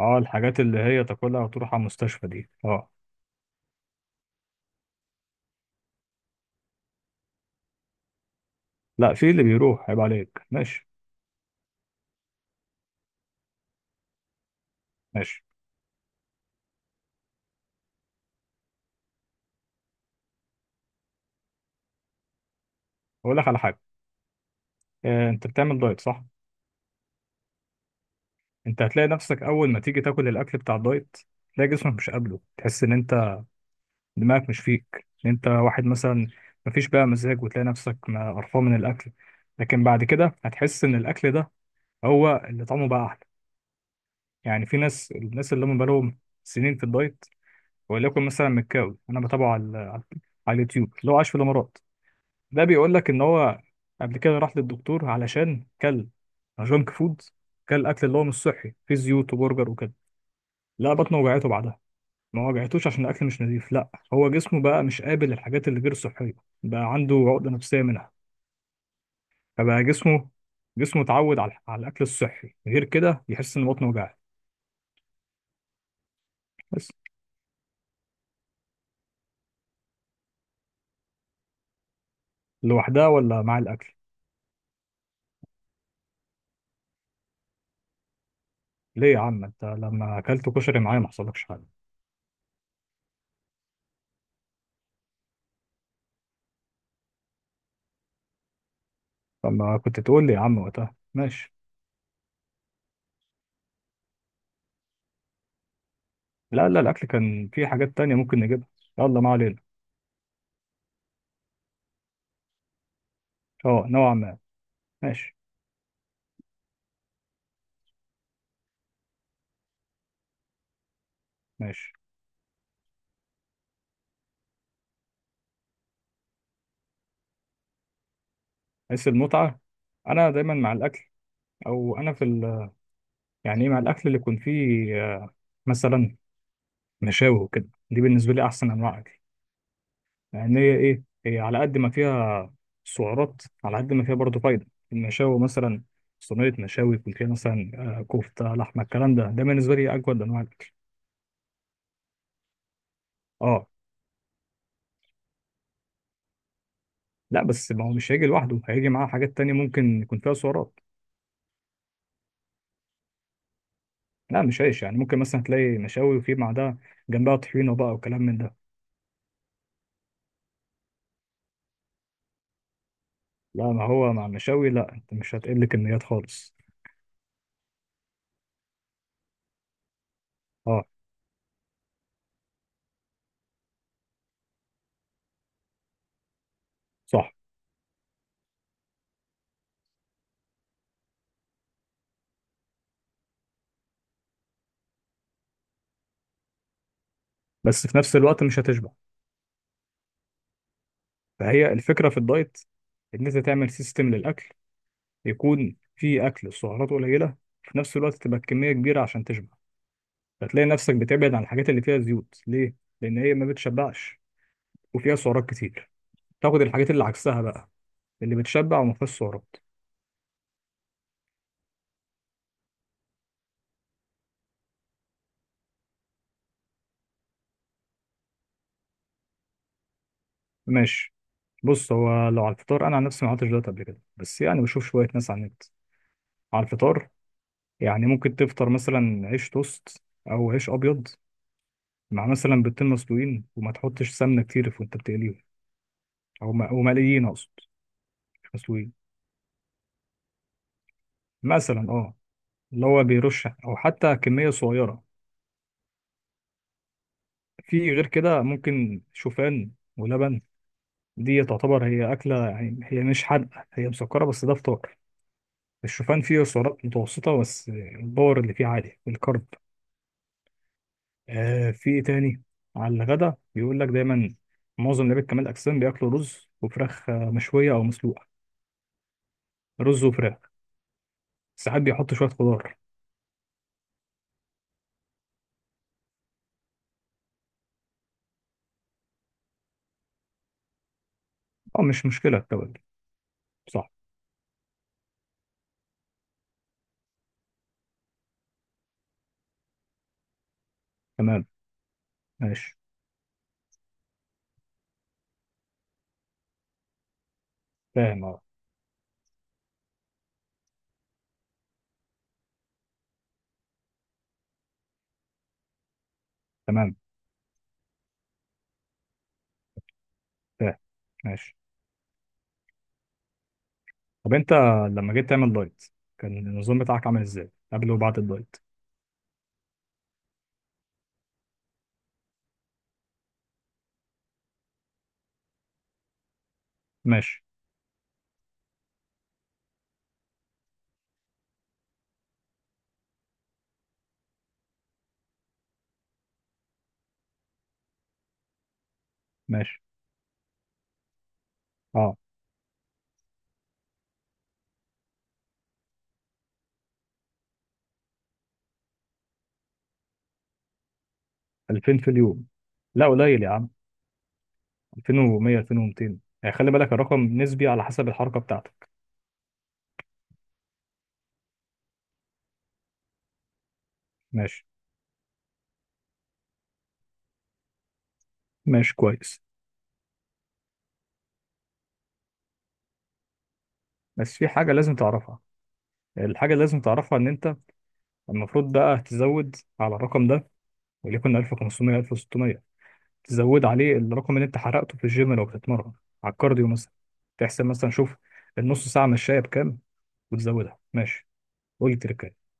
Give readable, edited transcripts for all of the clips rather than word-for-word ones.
اه، الحاجات اللي هي تاكلها وتروح على المستشفى دي، اه. لا، في اللي بيروح، عيب عليك. ماشي. ماشي، اقول لك على حاجه. انت بتعمل دايت، صح؟ انت هتلاقي نفسك اول ما تيجي تاكل الاكل بتاع الدايت، تلاقي جسمك مش قابله، تحس ان انت دماغك مش فيك، إن انت واحد مثلا مفيش بقى مزاج، وتلاقي نفسك قرفان من الاكل. لكن بعد كده هتحس ان الاكل ده هو اللي طعمه بقى احلى. يعني في ناس اللي هم بقالهم سنين في الدايت، وليكن مثلا مكاوي، انا بتابعه على اليوتيوب، اللي هو عايش في الامارات. ده بيقول لك ان هو قبل كده راح للدكتور علشان كل جانك فود، كل اكل اللي هو مش صحي فيه زيوت وبرجر وكده. لا، بطنه وجعته بعدها، ما وجعتوش عشان الاكل مش نظيف، لا هو جسمه بقى مش قابل الحاجات اللي غير صحيه. بقى عنده عقده نفسيه منها. فبقى جسمه اتعود على الاكل الصحي، غير كده يحس ان بطنه وجعت. بس. لوحدها ولا مع الاكل؟ ليه يا عم؟ انت لما اكلت كشري معايا ما حصلكش حاجه. طب ما كنت تقول لي يا عم وقتها؟ ماشي. لا، لا، الاكل كان في حاجات تانية ممكن نجيبها. يلا، ما علينا. اه، نوعا ما. ماشي. ماشي. حيث المتعة. انا دايما مع الاكل، او انا في يعني إيه، مع الاكل اللي يكون فيه، مثلا مشاوي وكده، دي بالنسبة لي احسن انواع اكل. لان هي، ايه، هي على قد ما فيها سعرات، على قد ما فيها برضه فايدة. المشاوي مثلا، صينية مشاوي يكون فيها مثلا كفتة، لحمة، الكلام ده بالنسبة لي اجود انواع الاكل. اه. لا، بس ما هو مش هيجي لوحده، هيجي معاه حاجات تانية ممكن يكون فيها سعرات. لا، مش عيش، يعني ممكن مثلا تلاقي مشاوي، وفي بعدها جنبها طحينه بقى وكلام من ده. لا، ما هو مع المشاوي، لا انت مش هتقل كميات خالص. اه، صح. بس في نفس الوقت مش هتشبع. فهي الفكره في الدايت، ان انت تعمل سيستم للاكل، يكون فيه اكل سعراته قليله، في نفس الوقت تبقى الكميه كبيره عشان تشبع. فتلاقي نفسك بتبعد عن الحاجات اللي فيها زيوت، ليه؟ لان هي ما بتشبعش، وفيها سعرات كتير. تاخد الحاجات اللي عكسها بقى، اللي بتشبع وما فيهاش سعرات. ماشي. بص، هو لو على الفطار، انا عن نفسي ما عملتش دايت قبل كده، بس يعني بشوف شويه ناس على النت. على الفطار، يعني ممكن تفطر مثلا عيش توست، او عيش ابيض، مع مثلا بيضتين مسلوقين، وما تحطش سمنه كتير في وانت بتقليهم، او مقليين اقصد، مش مسلوقين. مثلا اه، اللي هو بيرش، او حتى كميه صغيره. في غير كده ممكن شوفان ولبن، دي تعتبر هي اكله، يعني هي مش حادقه هي مسكره، بس ده فطار. الشوفان فيه سعرات متوسطه، بس الباور اللي فيه عالي الكرب. في ايه تاني؟ على الغدا بيقول لك دايما، معظم لعيبه كمال الاجسام بياكلوا رز وفراخ، مشويه او مسلوقه. رز وفراخ، ساعات بيحطوا شويه خضار. اه، مش مشكله التوابل. صح. تمام. ماشي. فاهم، اه. تمام. فاهم. ماشي. طب انت لما جيت تعمل دايت، كان النظام بتاعك عامل ازاي قبل وبعد الدايت؟ ماشي. ماشي. اه، 2000 في اليوم؟ لا، قليل يا عم. 2100، 2200، يعني خلي بالك الرقم نسبي على حسب الحركه بتاعتك. ماشي. ماشي، كويس. بس في حاجة لازم تعرفها. الحاجة اللي لازم تعرفها إن أنت المفروض بقى تزود على الرقم ده، وليكن 1500، 1600، تزود عليه الرقم اللي أنت حرقته في الجيم، لو بتتمرن على الكارديو مثلا. تحسب مثلا، شوف النص ساعة مشاية بكام، وتزودها. ماشي. قول لي تركاية.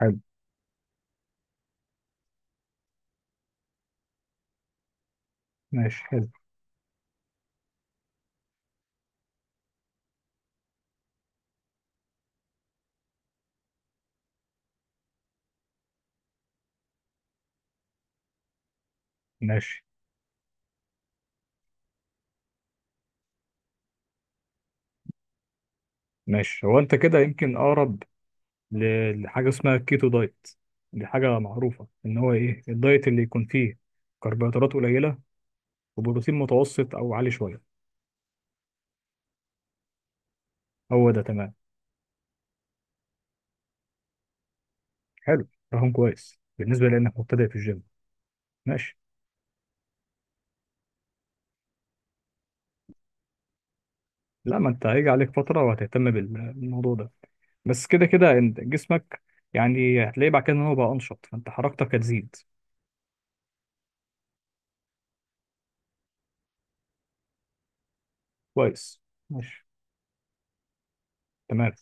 حلو. ماشي. حلو. ماشي. ماشي. هو أنت كده يمكن أقرب لحاجة اسمها كيتو دايت. دي حاجة معروفة، إن هو إيه، الدايت اللي يكون فيه كربوهيدرات قليلة، وبروتين متوسط أو عالي شوية. هو ده تمام. حلو. رقم كويس بالنسبة لأنك مبتدئ في الجيم. ماشي. لا، ما أنت هيجي عليك فترة وهتهتم بالموضوع ده. بس كده كده أنت جسمك، يعني هتلاقيه بعد كده إن هو بقى أنشط، فأنت حركتك هتزيد. كويس. ماشي. تمام.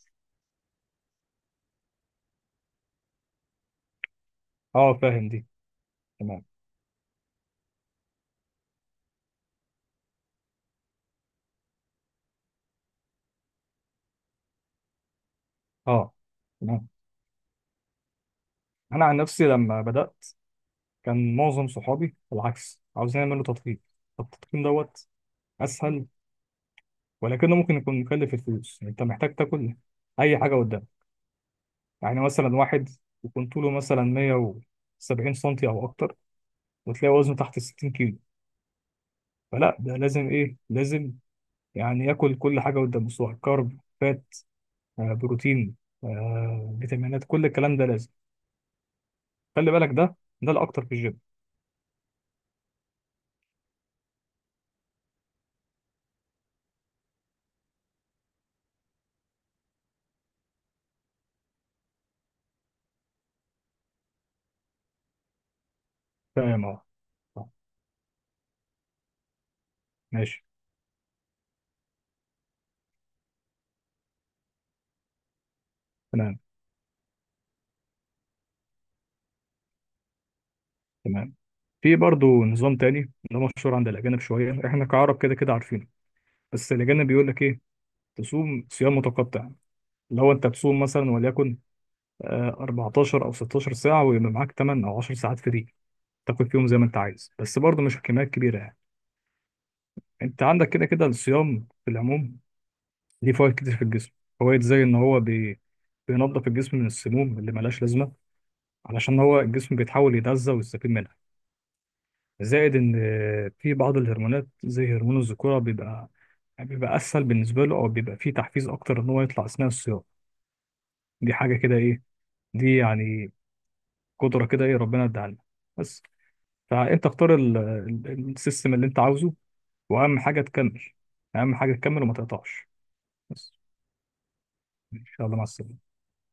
أه، فاهم دي. تمام. أه، تمام. أنا عن نفسي لما بدأت، كان معظم صحابي بالعكس عاوزين يعملوا تضخيم. طب التضخيم دوت أسهل، ولكنه ممكن يكون مكلف الفلوس، يعني أنت محتاج تاكل أي حاجة. يعني مثلا واحد يكون طوله مثلا 170 سنتي او اكتر، وتلاقي وزنه تحت ال 60 كيلو، فلا، ده لازم، ايه، لازم يعني ياكل كل حاجه قدامه، سواء كارب، فات، بروتين، فيتامينات، كل الكلام ده لازم. خلي بالك ده، ده الاكتر في الجيم. تمام، اه. آه، ماشي. تمام. تمام. في برضه نظام تاني، ده مشهور عند الاجانب شويه، احنا كعرب كده كده عارفينه. بس الاجانب بيقول لك ايه، تصوم صيام متقطع. لو انت تصوم مثلا وليكن 14 او 16 ساعه، ويبقى معاك 8 او 10 ساعات فري، تاكل فيهم زي ما انت عايز، بس برضه مش كميات كبيره يعني. انت عندك كده كده الصيام في العموم ليه فوائد كتير في الجسم. فوائد زي ان هو بينظف الجسم من السموم اللي ملهاش لازمه، علشان هو الجسم بيتحاول يتغذى ويستفيد منها. زائد ان، في بعض الهرمونات زي هرمون الذكوره بيبقى، يعني بيبقى اسهل بالنسبه له، او بيبقى فيه تحفيز اكتر ان هو يطلع اثناء الصيام. دي حاجه كده، ايه، دي يعني قدره كده، ايه، ربنا اداها لنا. بس. فانت اختار السيستم اللي انت عاوزه، واهم حاجه تكمل، اهم حاجه تكمل وما تقطعش. بس. ان شاء الله، مع السلامه.